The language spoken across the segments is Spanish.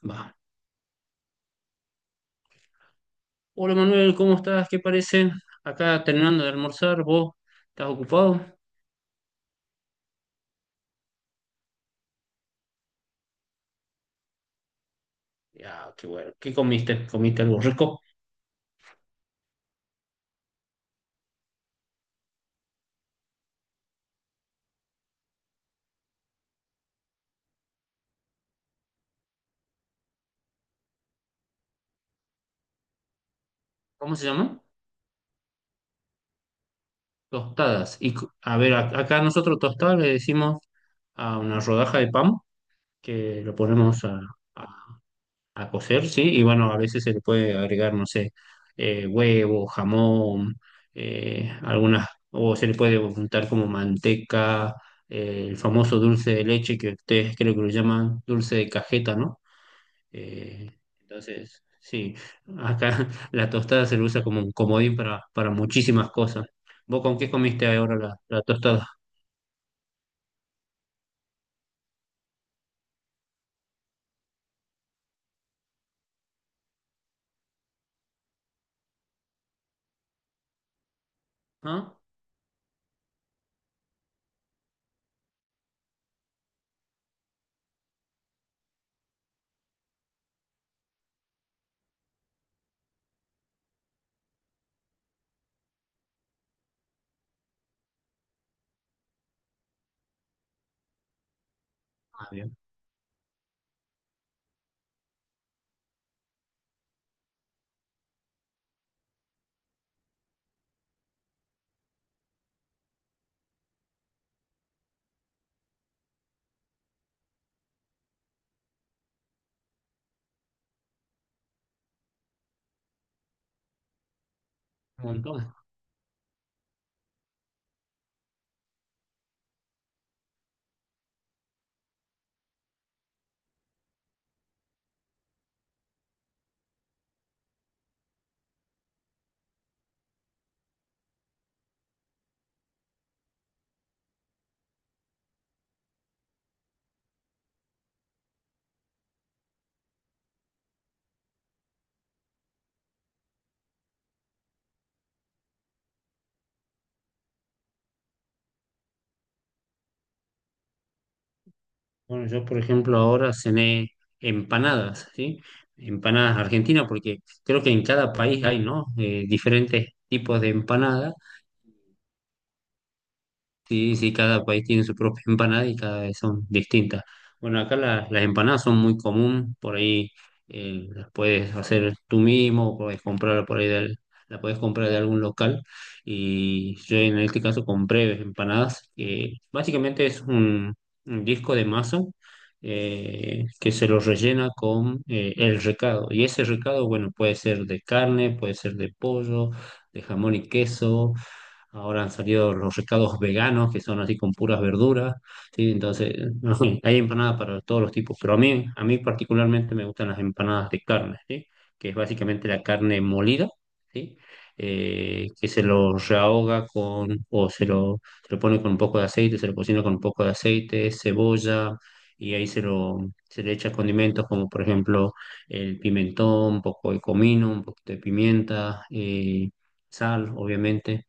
Va. Hola Manuel, ¿cómo estás? ¿Qué parece? Acá terminando de almorzar, ¿vos estás ocupado? Ya, qué bueno. ¿Qué comiste? ¿Comiste algo rico? ¿Cómo se llama? Tostadas. Y co- a ver, ac- acá nosotros tostadas le decimos a una rodaja de pan que lo ponemos a cocer, sí, y bueno, a veces se le puede agregar, no sé, huevo, jamón, algunas, o se le puede untar como manteca, el famoso dulce de leche que ustedes creo que lo llaman dulce de cajeta, ¿no? Eh, entonces, sí, acá la tostada se lo usa como un comodín para muchísimas cosas. ¿Vos con qué comiste ahora la tostada? ¿Ah? Ah, bien, un montón. Bueno, yo por ejemplo ahora cené empanadas, ¿sí? Empanadas argentinas, porque creo que en cada país hay, ¿no? Diferentes tipos de empanadas. Sí, sí, cada país tiene su propia empanada y cada vez son distintas. Bueno, acá la- las empanadas son muy común, por ahí las puedes hacer tú mismo, puedes comprar por ahí del, la puedes comprar de algún local. Y yo en este caso compré empanadas, que básicamente es un disco de masa que se lo rellena con el recado. Y ese recado, bueno, puede ser de carne, puede ser de pollo, de jamón y queso. Ahora han salido los recados veganos que son así con puras verduras, ¿sí? Entonces, no sé, hay empanadas para todos los tipos, pero a mí particularmente me gustan las empanadas de carne, ¿sí? Que es básicamente la carne molida, ¿sí? Que se lo rehoga con, o se lo pone con un poco de aceite, se lo cocina con un poco de aceite, cebolla, y ahí se le echa condimentos como por ejemplo el pimentón, un poco de comino, un poquito de pimienta, sal, obviamente.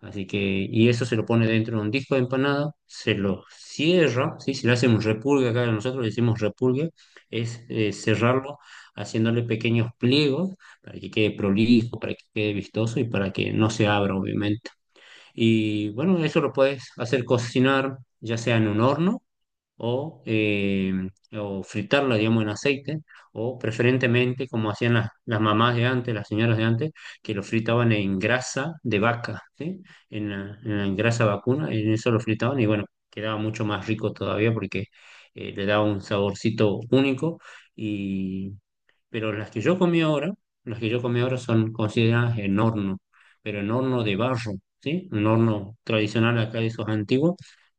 Así que, y eso se lo pone dentro de un disco de empanada, se lo cierra, ¿sí? Si le hacen un repulgue, acá nosotros le decimos repulgue, es cerrarlo haciéndole pequeños pliegos para que quede prolijo, para que quede vistoso y para que no se abra, obviamente. Y bueno, eso lo puedes hacer cocinar ya sea en un horno o, eh, o fritarla, digamos, en aceite, o preferentemente, como hacían las mamás de antes, las señoras de antes, que lo fritaban en grasa de vaca, ¿sí? En en la grasa vacuna, en eso lo fritaban y bueno, quedaba mucho más rico todavía porque le daba un saborcito único. Pero las que yo comí ahora, las que yo comí ahora son consideradas en horno, pero en horno de barro, ¿sí? Un horno tradicional acá de esos antiguos,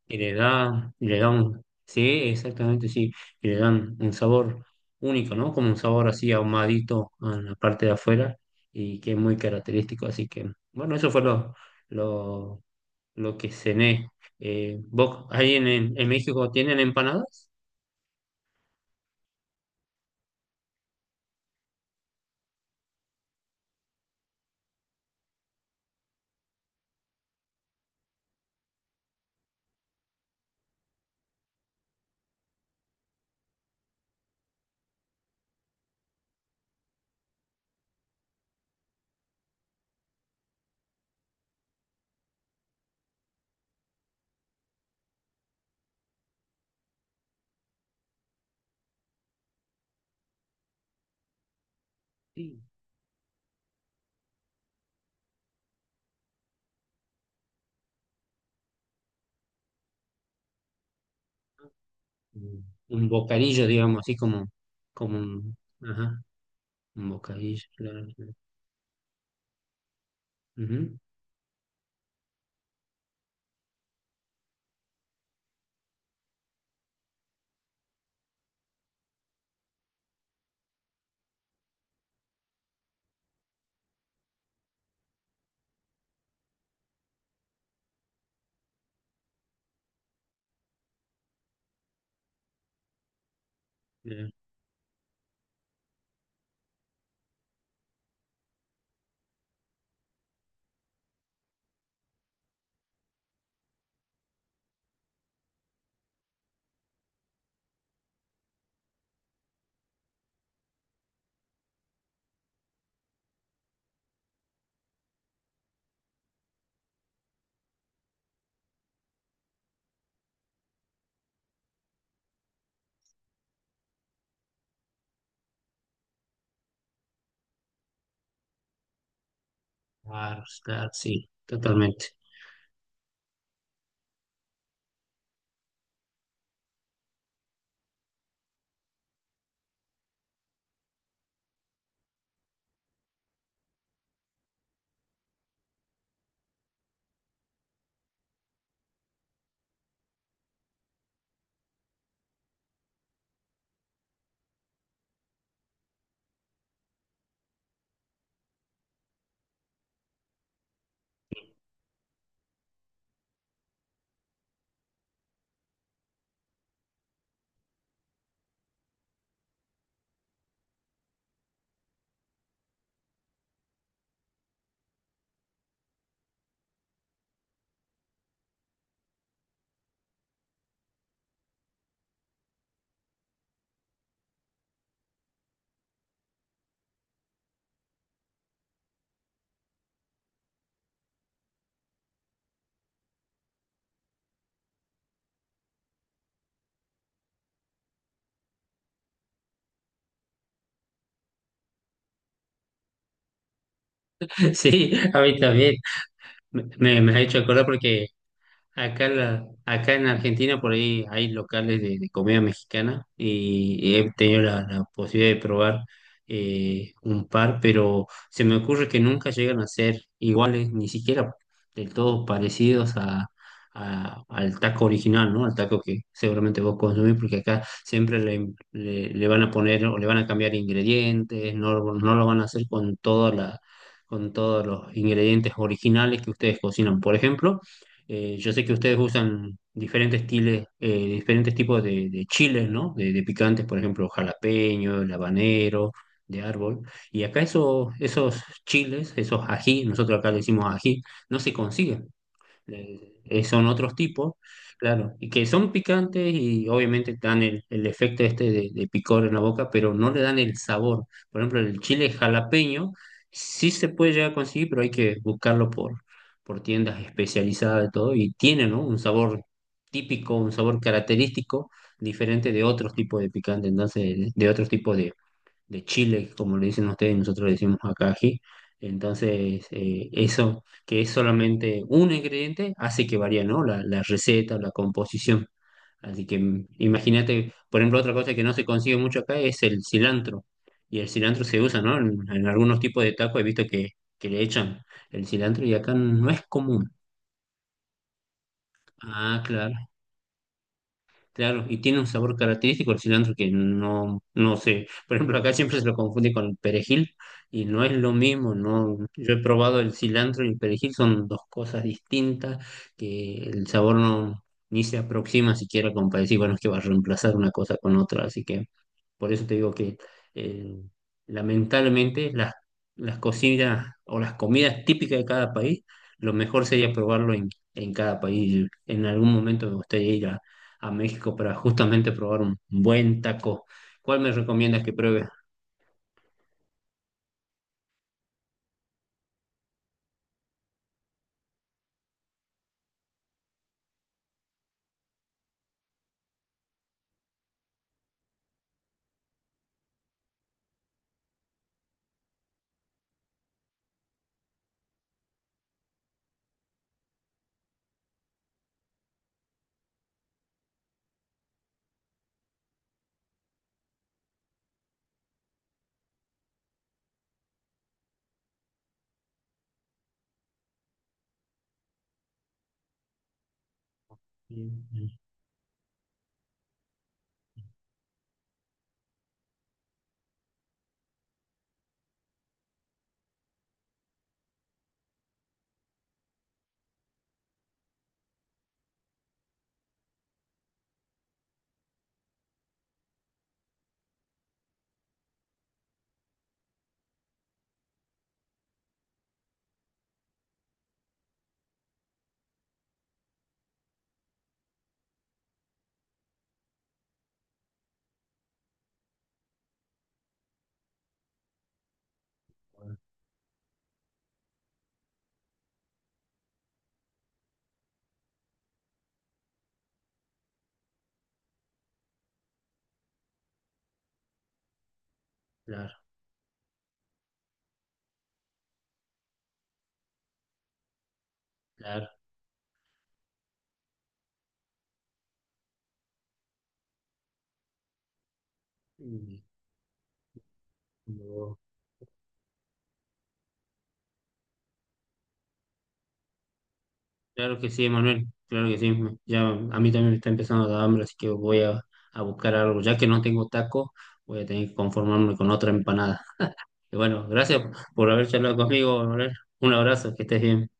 que le da un, sí, exactamente, sí, y le dan un sabor único, ¿no? Como un sabor así ahumadito en la parte de afuera y que es muy característico, así que, bueno, eso fue lo, lo que cené. ¿Vos ahí en México tienen empanadas? un un bocadillo, digamos, así como, como un, ajá, un bocadillo, claro, claro. Ujú, claro, claro, claro, sí, totalmente. Sí, a mí también. Me, me me ha hecho acordar porque acá, la, acá en Argentina por ahí hay locales de comida mexicana y he tenido la posibilidad de probar un par, pero se me ocurre que nunca llegan a ser iguales, ni siquiera del todo parecidos a- al taco original, ¿no? Al taco que seguramente vos consumís, porque acá siempre le, le- le van a poner o le van a cambiar ingredientes, no, no lo van a hacer con toda la, con todos los ingredientes originales que ustedes cocinan, por ejemplo. Yo sé que ustedes usan diferentes estiles, diferentes tipos de chiles, ¿no? De picantes, por ejemplo, jalapeño, el habanero, de árbol. Y acá eso- esos chiles, esos ají, nosotros acá le decimos ají, no se consiguen son otros tipos, claro, y que son picantes y obviamente dan el efecto este de picor en la boca, pero no le dan el sabor. Por ejemplo, el chile jalapeño sí se puede llegar a conseguir, pero hay que buscarlo por tiendas especializadas de todo y tiene, ¿no? Un sabor típico, un sabor característico diferente de otros tipos de picante, entonces de otros tipos de chile, como le dicen ustedes, nosotros le decimos acá ají. Entonces, eso que es solamente un ingrediente hace que varía, ¿no? La receta la composición. Así que imagínate, por ejemplo, otra cosa que no se consigue mucho acá es el cilantro. Y el cilantro se usa, ¿no? En algunos tipos de tacos he visto que le echan el cilantro y acá no es común. Ah, claro. Claro, y tiene un sabor característico el cilantro que no, no sé. Por ejemplo, acá siempre se lo confunde con el perejil y no es lo mismo, no. Yo he probado el cilantro y el perejil, son dos cosas distintas que el sabor no ni se aproxima siquiera como para decir, bueno, es que va a reemplazar una cosa con otra, así que por eso te digo que eh, lamentablemente las cocinas o las comidas típicas de cada país, lo mejor sería probarlo en cada país. En algún momento me gustaría ir a México para justamente probar un buen taco. ¿Cuál me recomiendas que pruebe? Mm, claro, claro. Mm, no. Claro que sí, Manuel. Claro que sí. Me- Ya a mí también me está empezando a dar hambre, así que voy a buscar algo. Ya que no tengo taco, voy a tener que conformarme con otra empanada. Y bueno, gracias por haber charlado conmigo, Manuel. Un abrazo, que estés bien.